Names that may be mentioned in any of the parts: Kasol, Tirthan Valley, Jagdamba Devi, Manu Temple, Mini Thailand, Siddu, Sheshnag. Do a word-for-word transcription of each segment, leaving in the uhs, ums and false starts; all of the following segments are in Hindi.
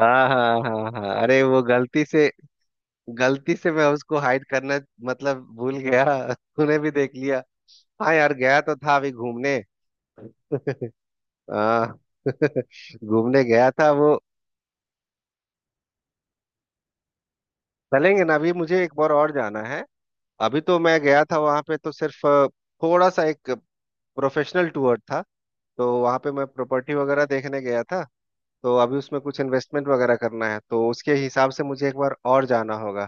हाँ हाँ हाँ हाँ, अरे वो गलती से गलती से मैं उसको हाइड करना मतलब भूल गया। तूने भी देख लिया। हाँ यार, गया तो था अभी घूमने। हाँ। घूमने गया था वो। चलेंगे ना, अभी मुझे एक बार और जाना है। अभी तो मैं गया था वहां पे, तो सिर्फ अ, थोड़ा सा एक प्रोफेशनल टूर था। तो वहां पे मैं प्रॉपर्टी वगैरह देखने गया था। तो अभी उसमें कुछ इन्वेस्टमेंट वगैरह करना है, तो उसके हिसाब से मुझे एक बार और जाना होगा।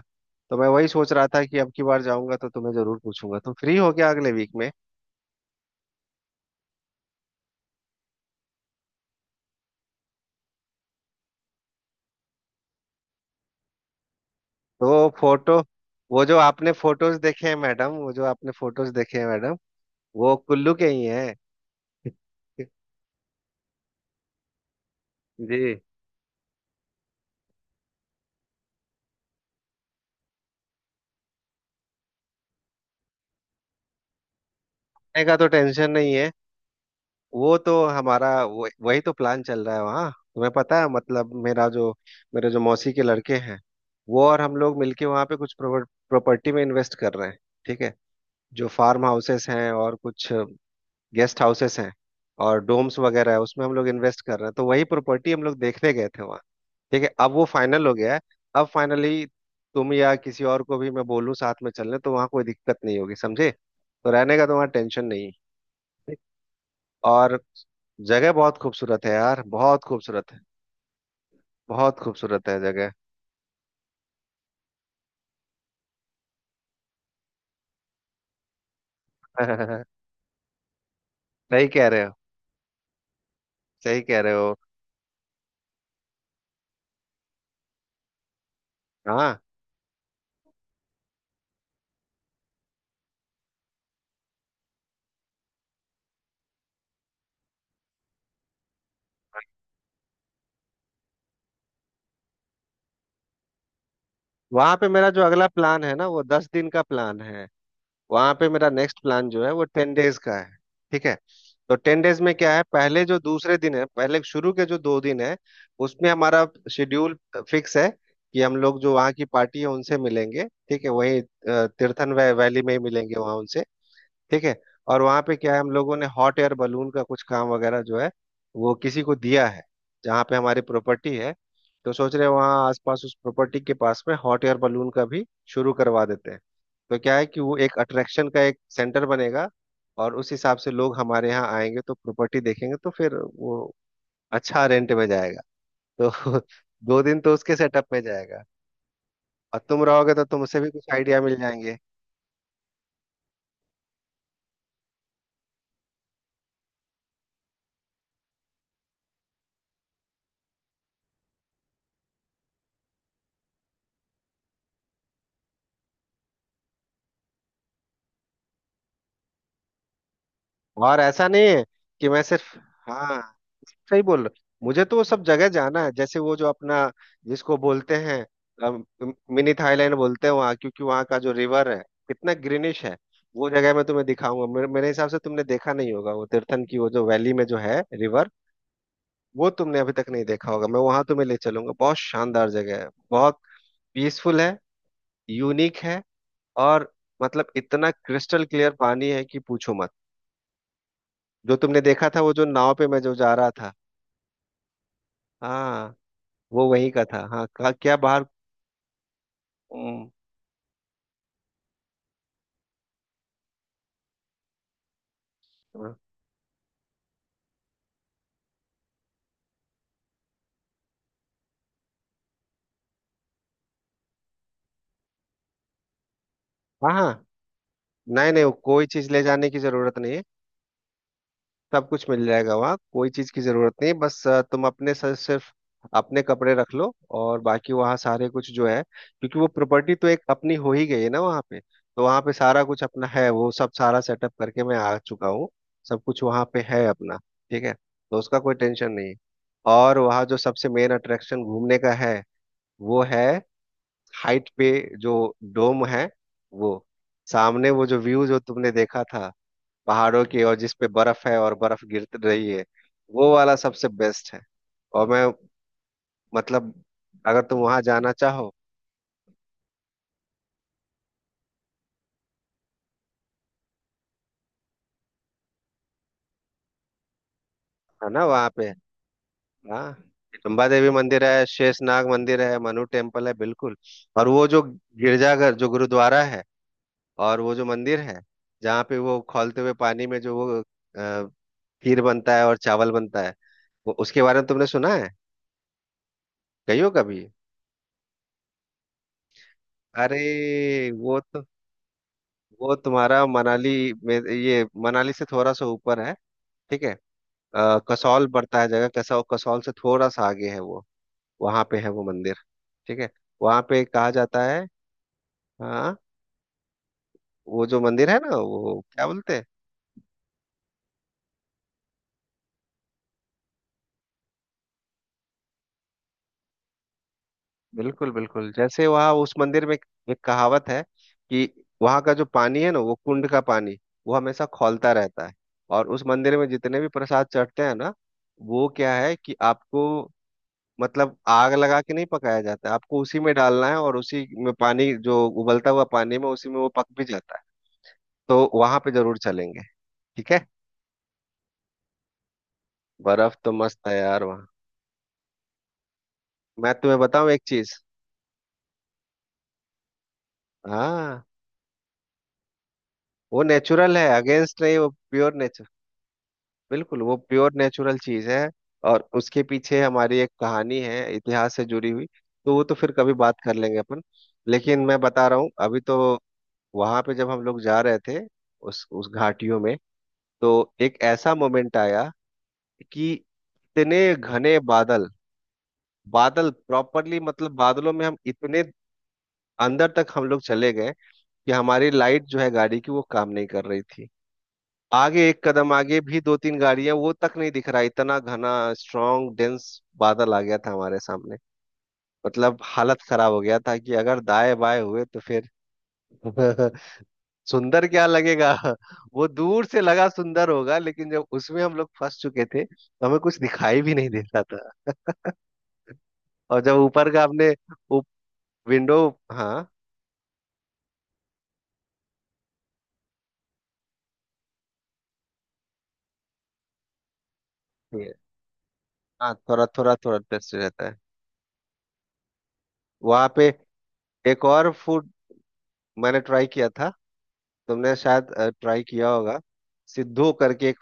तो मैं वही सोच रहा था कि अब की बार जाऊंगा तो तुम्हें जरूर पूछूंगा, तुम फ्री हो गया अगले वीक में। तो फोटो, वो जो आपने फोटोज देखे हैं मैडम वो जो आपने फोटोज देखे हैं मैडम, वो कुल्लू के ही हैं। जी। खाने का तो टेंशन नहीं है। वो तो हमारा वो, वही तो प्लान चल रहा है, वहाँ तुम्हें पता है। मतलब मेरा जो मेरे जो मौसी के लड़के हैं वो और हम लोग मिलके वहाँ पे कुछ प्रॉपर्टी में इन्वेस्ट कर रहे हैं। ठीक है। जो फार्म हाउसेस हैं और कुछ गेस्ट हाउसेस हैं और डोम्स वगैरह है, उसमें हम लोग इन्वेस्ट कर रहे हैं, तो वही प्रॉपर्टी हम लोग देखने गए थे वहाँ। ठीक है, अब वो फाइनल हो गया है। अब फाइनली तुम या किसी और को भी मैं बोलूँ साथ में चलने तो वहाँ कोई दिक्कत नहीं होगी, समझे? तो रहने का तो वहाँ टेंशन नहीं है। और जगह बहुत खूबसूरत है यार, बहुत खूबसूरत है, बहुत खूबसूरत है जगह। सही कह रहे हो, सही कह रहे हो। हाँ, वहां पे मेरा जो अगला प्लान है ना, वो दस दिन का प्लान है। वहां पे मेरा नेक्स्ट प्लान जो है वो टेन डेज का है। ठीक है। तो टेन डेज में क्या है, पहले जो दूसरे दिन है, पहले शुरू के जो दो दिन है उसमें हमारा शेड्यूल फिक्स है कि हम लोग जो वहाँ की पार्टी है उनसे मिलेंगे। ठीक है, वहीं अ, तीर्थन वै, वैली में ही मिलेंगे वहाँ उनसे। ठीक है। और वहां पे क्या है, हम लोगों ने हॉट एयर बलून का कुछ काम वगैरह जो है वो किसी को दिया है, जहाँ पे हमारी प्रॉपर्टी है। तो सोच रहे हैं वहाँ आसपास उस प्रॉपर्टी के पास में हॉट एयर बलून का भी शुरू करवा देते हैं। तो क्या है कि वो एक अट्रैक्शन का एक सेंटर बनेगा, और उस हिसाब से लोग हमारे यहाँ आएंगे, तो प्रॉपर्टी देखेंगे तो फिर वो अच्छा रेंट में जाएगा। तो दो दिन तो उसके सेटअप में जाएगा। और तुम रहोगे तो तुमसे भी कुछ आइडिया मिल जाएंगे। और ऐसा नहीं है कि मैं सिर्फ... हाँ, सही बोल रहे हो। मुझे तो वो सब जगह जाना है, जैसे वो जो अपना जिसको बोलते हैं अम, मिनी थाईलैंड बोलते हैं वहाँ, क्योंकि वहाँ का जो रिवर है कितना ग्रीनिश है। वो जगह मैं तुम्हें दिखाऊंगा, मेरे, मेरे हिसाब से तुमने देखा नहीं होगा। वो तीर्थन की वो जो वैली में जो है रिवर, वो तुमने अभी तक नहीं देखा होगा। मैं वहां तुम्हें ले चलूंगा, बहुत शानदार जगह है, बहुत पीसफुल है, यूनिक है। और मतलब इतना क्रिस्टल क्लियर पानी है कि पूछो मत। जो तुमने देखा था वो जो नाव पे मैं जो जा रहा था, हाँ, वो वही का था। हाँ, का- क्या बाहर? हम्म, हाँ हाँ हाँ, नहीं नहीं, वो कोई चीज ले जाने की जरूरत नहीं है। सब कुछ मिल जाएगा वहाँ, कोई चीज की जरूरत नहीं है, बस अ, तुम अपने सर सिर्फ अपने कपड़े रख लो। और बाकी वहाँ सारे कुछ जो है, क्योंकि वो प्रॉपर्टी तो एक अपनी हो ही गई है ना वहाँ पे, तो वहाँ पे सारा कुछ अपना है, वो सब सारा सेटअप करके मैं आ चुका हूँ। सब कुछ वहाँ पे है अपना। ठीक है, तो उसका कोई टेंशन नहीं है। और वहाँ जो सबसे मेन अट्रैक्शन घूमने का है वो है हाइट पे जो डोम है वो, सामने वो जो व्यू जो तुमने देखा था, पहाड़ों की, और जिस पे बर्फ है और बर्फ गिर रही है, वो वाला सबसे बेस्ट है। और मैं, मतलब अगर तुम वहां जाना चाहो... है ना वहां पे? हाँ, जगदम्बा देवी मंदिर है, शेषनाग मंदिर है, मनु टेम्पल है, बिल्कुल। और वो जो गिरजाघर जो गुरुद्वारा है, और वो जो मंदिर है जहाँ पे वो खौलते हुए पानी में जो वो अ, खीर बनता है और चावल बनता है, वो उसके बारे में तुमने सुना है? गई हो कभी? अरे वो तो, वो तुम्हारा मनाली में, ये मनाली से थोड़ा सा ऊपर है। ठीक है। अ, कसौल पड़ता है जगह, कसौ कसौल से थोड़ा सा आगे है वो, वहां पे है वो मंदिर। ठीक है, वहां पे कहा जाता है। हाँ, वो जो मंदिर है ना, वो क्या बोलते हैं। बिल्कुल बिल्कुल, जैसे वहाँ उस मंदिर में एक एक कहावत है कि वहाँ का जो पानी है ना, वो कुंड का पानी, वो हमेशा खौलता रहता है। और उस मंदिर में जितने भी प्रसाद चढ़ते हैं ना, वो क्या है कि आपको, मतलब आग लगा के नहीं पकाया जाता है, आपको उसी में डालना है और उसी में पानी, जो उबलता हुआ पानी में, उसी में वो पक भी जाता है। तो वहां पे जरूर चलेंगे। ठीक है। बर्फ तो मस्त है यार वहाँ, मैं तुम्हें बताऊं एक चीज। हाँ, वो नेचुरल है, अगेंस्ट नहीं, वो प्योर नेचुर... बिल्कुल, वो प्योर नेचुरल चीज है। और उसके पीछे हमारी एक कहानी है इतिहास से जुड़ी हुई, तो वो तो फिर कभी बात कर लेंगे अपन। लेकिन मैं बता रहा हूँ अभी तो, वहां पे जब हम लोग जा रहे थे उस उस घाटियों में, तो एक ऐसा मोमेंट आया कि इतने घने बादल, बादल प्रॉपरली, मतलब बादलों में हम इतने अंदर तक हम लोग चले गए कि हमारी लाइट जो है गाड़ी की वो काम नहीं कर रही थी। आगे एक कदम आगे भी दो तीन गाड़ियां वो तक नहीं दिख रहा, इतना घना, स्ट्रांग डेंस बादल आ गया था हमारे सामने। मतलब हालत खराब हो गया था कि अगर दाएं बाएं हुए तो फिर... सुंदर क्या लगेगा, वो दूर से लगा सुंदर होगा, लेकिन जब उसमें हम लोग फंस चुके थे तो हमें कुछ दिखाई भी नहीं देता। और जब ऊपर का आपने विंडो... हाँ। ये- हाँ, थोड़ा थोड़ा थोड़ा टेस्ट रहता है। वहाँ पे एक और फूड मैंने ट्राई किया था, तुमने शायद ट्राई किया होगा, सिद्धू करके एक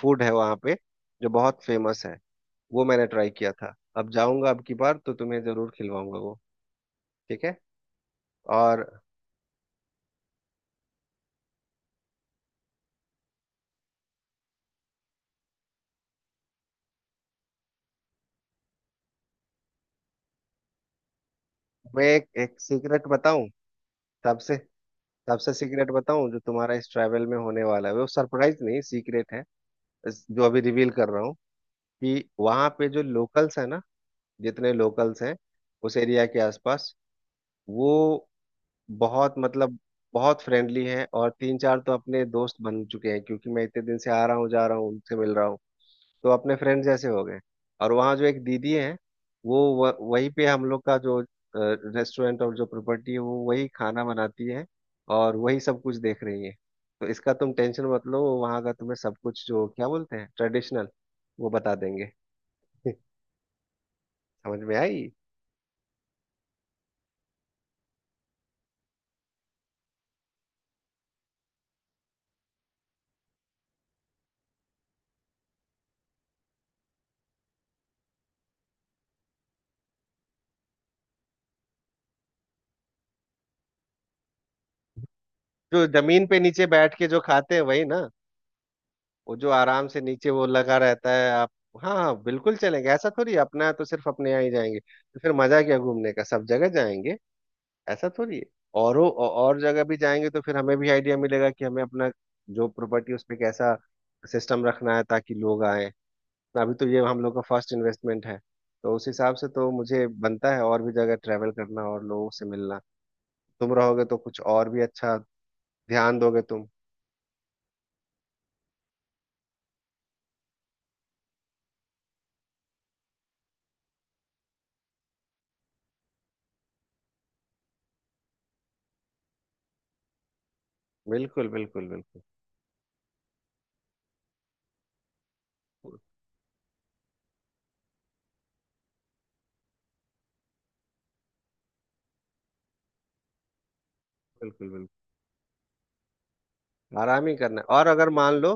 फूड है वहाँ पे जो बहुत फेमस है। वो मैंने ट्राई किया था, अब जाऊंगा अब की बार तो तुम्हें जरूर खिलवाऊंगा वो। ठीक है। और मैं एक, एक सीक्रेट बताऊं, सबसे सबसे सीक्रेट बताऊं, जो तुम्हारा इस ट्रैवल में होने वाला है, वो सरप्राइज नहीं सीक्रेट है। इस- जो अभी रिवील कर रहा हूँ, कि वहां पे जो लोकल्स है ना, जितने लोकल्स हैं उस एरिया के आसपास, वो बहुत, मतलब बहुत फ्रेंडली हैं। और तीन चार तो अपने दोस्त बन चुके हैं, क्योंकि मैं इतने दिन से आ रहा हूँ जा रहा हूँ उनसे मिल रहा हूँ, तो अपने फ्रेंड जैसे हो गए। और वहाँ जो एक दीदी है वो, व, वहीं पे हम लोग का जो रेस्टोरेंट और जो प्रॉपर्टी है, वो वही खाना बनाती है और वही सब कुछ देख रही है। तो इसका तुम टेंशन मत लो, वहाँ का तुम्हें सब कुछ जो क्या बोलते हैं ट्रेडिशनल, वो बता देंगे। समझ में आई? जो जमीन पे नीचे बैठ के जो खाते हैं वही ना, वो जो आराम से नीचे वो लगा रहता है आप। हाँ हाँ, बिल्कुल चलेंगे, ऐसा थोड़ी है, अपना है तो सिर्फ अपने यहाँ ही जाएंगे, तो फिर मजा क्या घूमने का, सब जगह जाएंगे। ऐसा थोड़ी है। और औ- और जगह भी जाएंगे तो फिर हमें भी आइडिया मिलेगा कि हमें अपना जो प्रॉपर्टी उस पे कैसा सिस्टम रखना है, ताकि लोग आए। अभी तो ये हम लोग का फर्स्ट इन्वेस्टमेंट है, तो उस हिसाब से तो मुझे बनता है और भी जगह ट्रैवल करना और लोगों से मिलना। तुम रहोगे तो कुछ और भी अच्छा ध्यान दोगे तुम। बिल्कुल बिल्कुल बिल्कुल बिल्कुल बिल्कुल, आराम ही करना है। और अगर मान लो...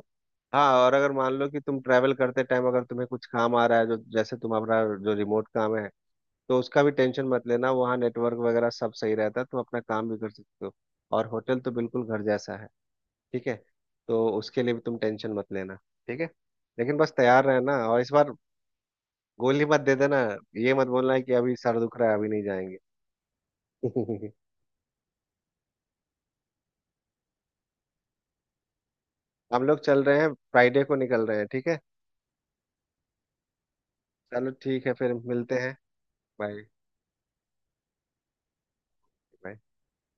हाँ, और अगर मान लो कि तुम ट्रैवल करते टाइम अगर तुम्हें कुछ काम आ रहा है, जो जैसे तुम्हारा जो रिमोट काम है, तो उसका भी टेंशन मत लेना, वहाँ नेटवर्क वगैरह सब सही रहता है, तुम अपना काम भी कर सकते हो। और होटल तो बिल्कुल घर जैसा है। ठीक है, तो उसके लिए भी तुम टेंशन मत लेना। ठीक है, लेकिन बस तैयार रहना और इस बार गोली मत दे देना, ये मत बोलना है कि अभी सर दुख रहा है, अभी नहीं जाएंगे। हम लोग चल रहे हैं, फ्राइडे को निकल रहे हैं। ठीक है, चलो ठीक है, फिर मिलते हैं। बाय। नहीं।